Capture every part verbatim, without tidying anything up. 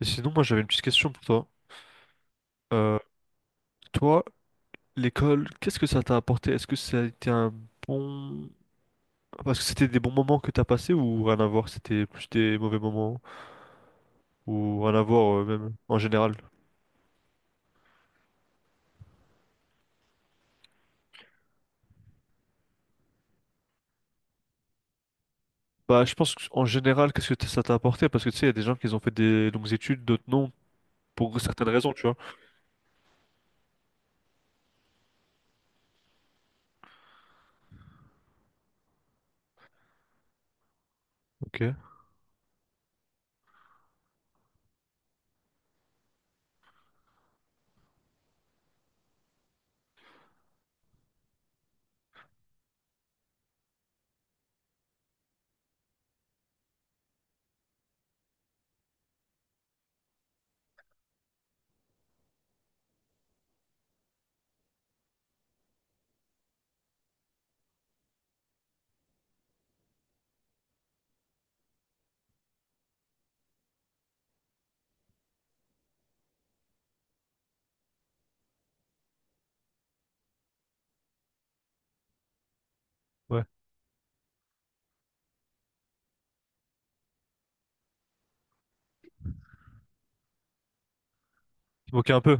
Et sinon, moi, j'avais une petite question pour toi. Euh, toi, l'école, qu'est-ce que ça t'a apporté? Est-ce que ça a été un bon... Parce que c'était des bons moments que t'as passés ou rien à voir? C'était plus des mauvais moments ou rien à voir euh, même en général? Bah, je pense que, en général, qu'est-ce que t- ça t'a apporté? Parce que tu sais, il y a des gens qui ont fait des longues études, d'autres non, pour certaines raisons, tu vois. Ok, ouais. Tu moquais un peu.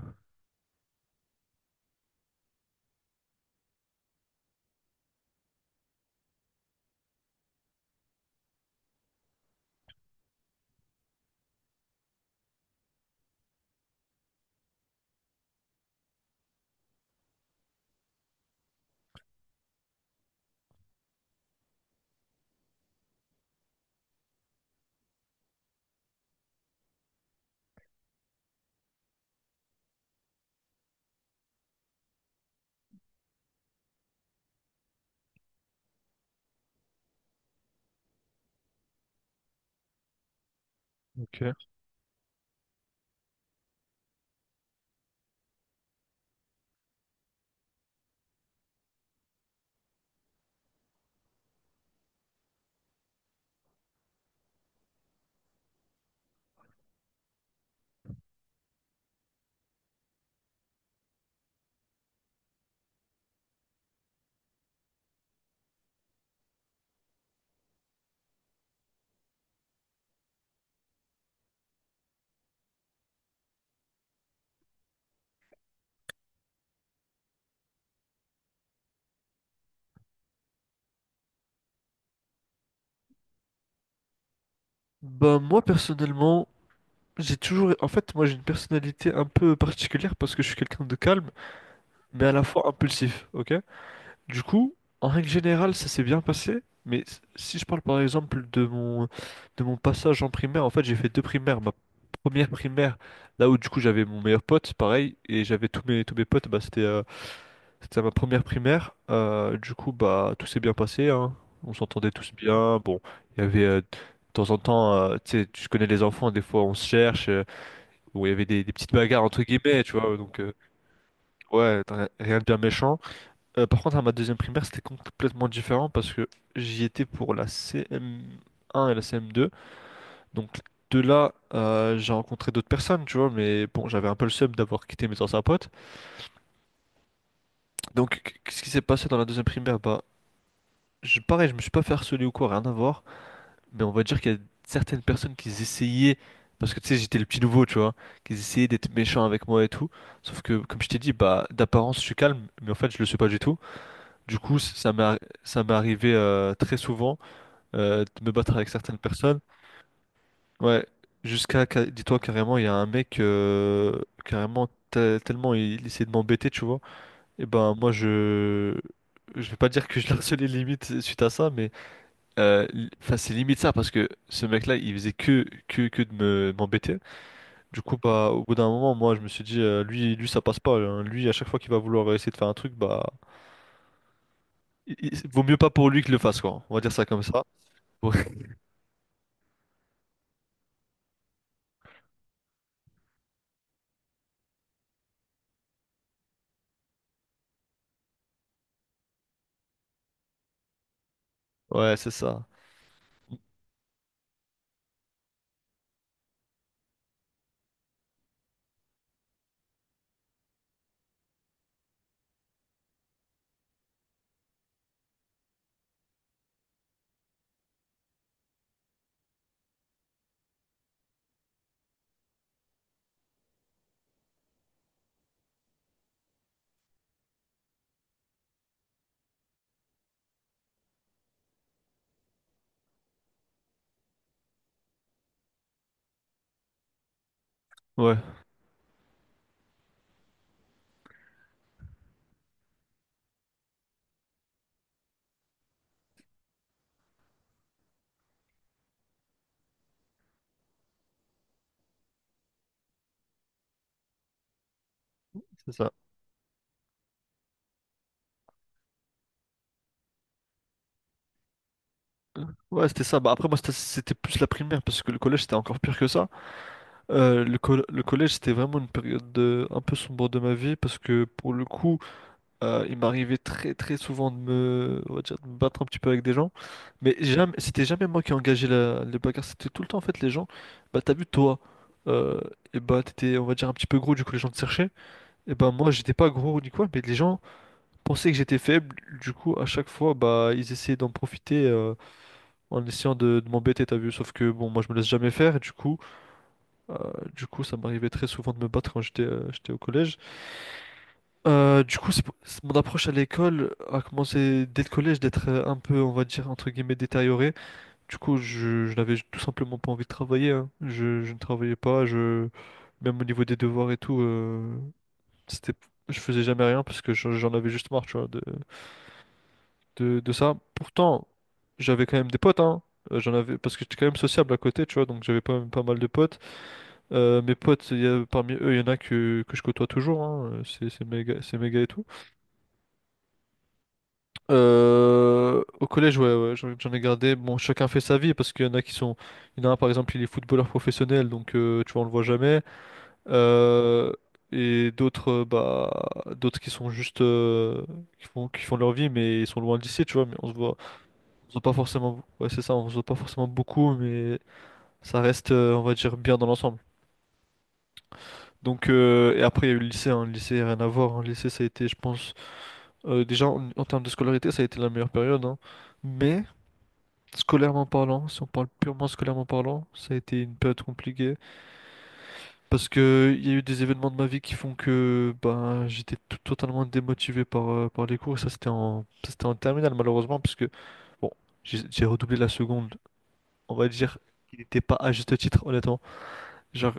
Ok. Bah, moi, personnellement, j'ai toujours... En fait, moi, j'ai une personnalité un peu particulière parce que je suis quelqu'un de calme, mais à la fois impulsif, ok? Du coup, en règle générale, ça s'est bien passé, mais s- si je parle par exemple de mon, de mon passage en primaire, en fait, j'ai fait deux primaires. Ma première primaire, là où du coup j'avais mon meilleur pote, pareil, et j'avais tous mes, tous mes potes, bah, c'était euh, c'était ma première primaire. Euh, du coup, bah, tout s'est bien passé, hein. On s'entendait tous bien. Bon, il y avait euh, de temps en temps, euh, tu sais, tu connais les enfants, des fois on se cherche. Euh, bon, il y avait des, des petites bagarres entre guillemets, tu vois, donc euh, ouais, rien rien de bien méchant. Euh, par contre, à ma deuxième primaire, c'était complètement différent parce que j'y étais pour la C M un et la C M deux. Donc de là, euh, j'ai rencontré d'autres personnes, tu vois, mais bon, j'avais un peu le seum d'avoir quitté mes anciens potes. Donc qu- qu'est-ce qui s'est passé dans la deuxième primaire? Bah, je, pareil, je me suis pas fait harceler ou quoi, rien à voir. Mais on va dire qu'il y a certaines personnes qui essayaient, parce que tu sais, j'étais le petit nouveau, tu vois, qui essayaient d'être méchants avec moi et tout. Sauf que, comme je t'ai dit, bah, d'apparence, je suis calme, mais en fait, je le suis pas du tout. Du coup, ça m'est, arri- ça m'est arrivé euh, très souvent euh, de me battre avec certaines personnes. Ouais, jusqu'à, ca- dis-toi carrément, il y a un mec, euh, carrément, te- tellement il, il essayait de m'embêter, tu vois. Et ben, moi, je. Je vais pas dire que je le harcelais limite suite à ça, mais euh, li- enfin, c'est limite ça parce que ce mec-là, il faisait que, que, que de me, m'embêter. Du coup, bah, au bout d'un moment, moi, je me suis dit, euh, lui, lui, ça passe pas, hein. Lui, à chaque fois qu'il va vouloir essayer de faire un truc, bah, il- il- vaut mieux pas pour lui que le fasse, quoi. On va dire ça comme ça. Ouais, c'est ça. Ouais, c'est ça. Ouais, c'était ça. Bah, après, moi, c'était c'était plus la primaire parce que le collège, c'était encore pire que ça. Euh, le, col- le collège, c'était vraiment une période de- un peu sombre de ma vie parce que pour le coup, euh, il m'arrivait très très souvent de me, on va dire, de me battre un petit peu avec des gens. Mais jamais, c'était jamais moi qui engageais la, les bagarres, c'était tout le temps en fait les gens. Bah, t'as vu, toi, euh, et bah, t'étais, on va dire, un petit peu gros, du coup, les gens te cherchaient. Et bah, moi, j'étais pas gros ni quoi, mais les gens pensaient que j'étais faible. Du coup, à chaque fois, bah, ils essayaient d'en profiter. Euh, en essayant de, de m'embêter, t'as vu. Sauf que bon, moi je me laisse jamais faire et du coup, euh, du coup, ça m'arrivait très souvent de me battre quand j'étais euh, j'étais au collège. Euh, du coup, c'est pour- c'est- mon approche à l'école a commencé dès le collège d'être euh, un peu, on va dire, entre guillemets, détériorée. Du coup, je, je n'avais tout simplement pas envie de travailler, hein. Je, je ne travaillais pas, je... même au niveau des devoirs et tout, euh, c'était... je faisais jamais rien parce que j'en j'en avais juste marre, tu vois, de, de, de ça. Pourtant, j'avais quand même des potes, hein. Euh, j'en avais, parce que j'étais quand même sociable à côté, tu vois, donc j'avais pas, pas mal de potes. Euh, mes potes, il y a- parmi eux, il y en a que, que je côtoie toujours, hein. Euh, C'est c'est méga, c'est méga et tout. Euh, au collège, ouais, ouais, j'en j'en ai gardé. Bon, chacun fait sa vie, parce qu'il y en a qui sont. Il y en a un, par exemple, il est footballeur professionnel, donc euh, tu vois, on le voit jamais. Euh, et d'autres, euh, bah, d'autres qui sont juste. Euh, qui font, qui font leur vie, mais ils sont loin d'ici, tu vois, mais on se voit. On se voit pas forcément, ouais, c'est ça, on se voit pas forcément beaucoup, mais ça reste, euh, on va dire, bien dans l'ensemble. Donc, euh, et après, il y a eu le lycée, hein. Le lycée, rien à voir, hein. Le lycée, ça a été, je pense, euh, déjà en, en termes de scolarité, ça a été la meilleure période, hein. Mais, scolairement parlant, si on parle purement scolairement parlant, ça a été une période compliquée. Parce que il y a eu des événements de ma vie qui font que ben, j'étais tout- totalement démotivé par, euh, par les cours. Et ça, c'était en, ça, c'était en terminale, malheureusement, parce que, bon, j'ai j'ai redoublé la seconde on va dire qu'il n'était pas à juste titre, honnêtement. Genre,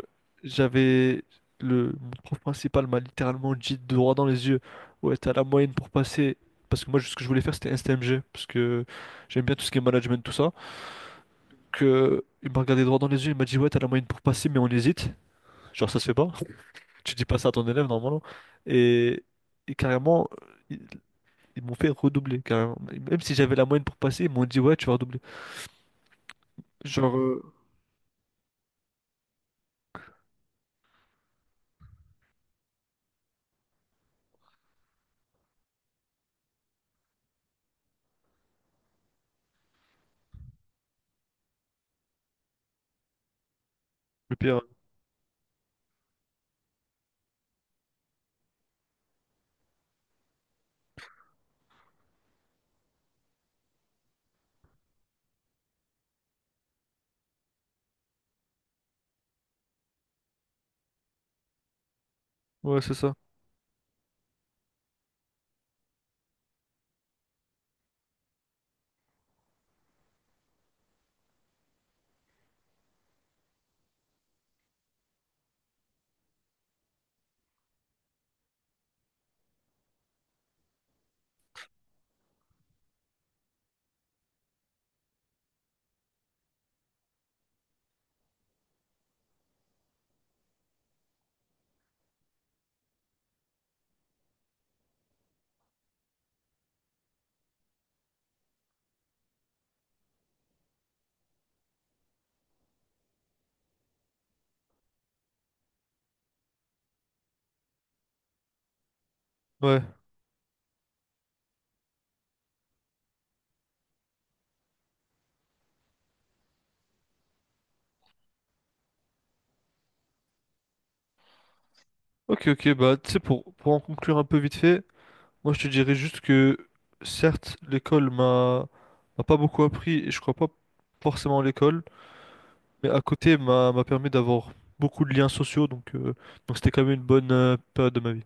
j'avais le mon prof principal m'a littéralement dit droit dans les yeux, ouais, t'as la moyenne pour passer. Parce que moi, ce que je voulais faire, c'était S T M G, parce que j'aime bien tout ce qui est management, tout ça. Que il m'a regardé droit dans les yeux, il m'a dit, ouais, t'as la moyenne pour passer, mais on hésite. Genre, ça se fait pas. Tu dis pas ça à ton élève, normalement. Et, et carrément, ils, ils m'ont fait redoubler, carrément. Même si j'avais la moyenne pour passer, ils m'ont dit, ouais, tu vas redoubler. Genre, euh, le pire. Ouais, c'est ça. Ouais. Ok, ok, bah tu sais, pour, pour en conclure un peu vite fait, moi je te dirais juste que certes, l'école m'a m'a pas beaucoup appris et je crois pas forcément à l'école, mais à côté m'a m'a permis d'avoir beaucoup de liens sociaux, donc euh, donc c'était quand même une bonne euh, période de ma vie.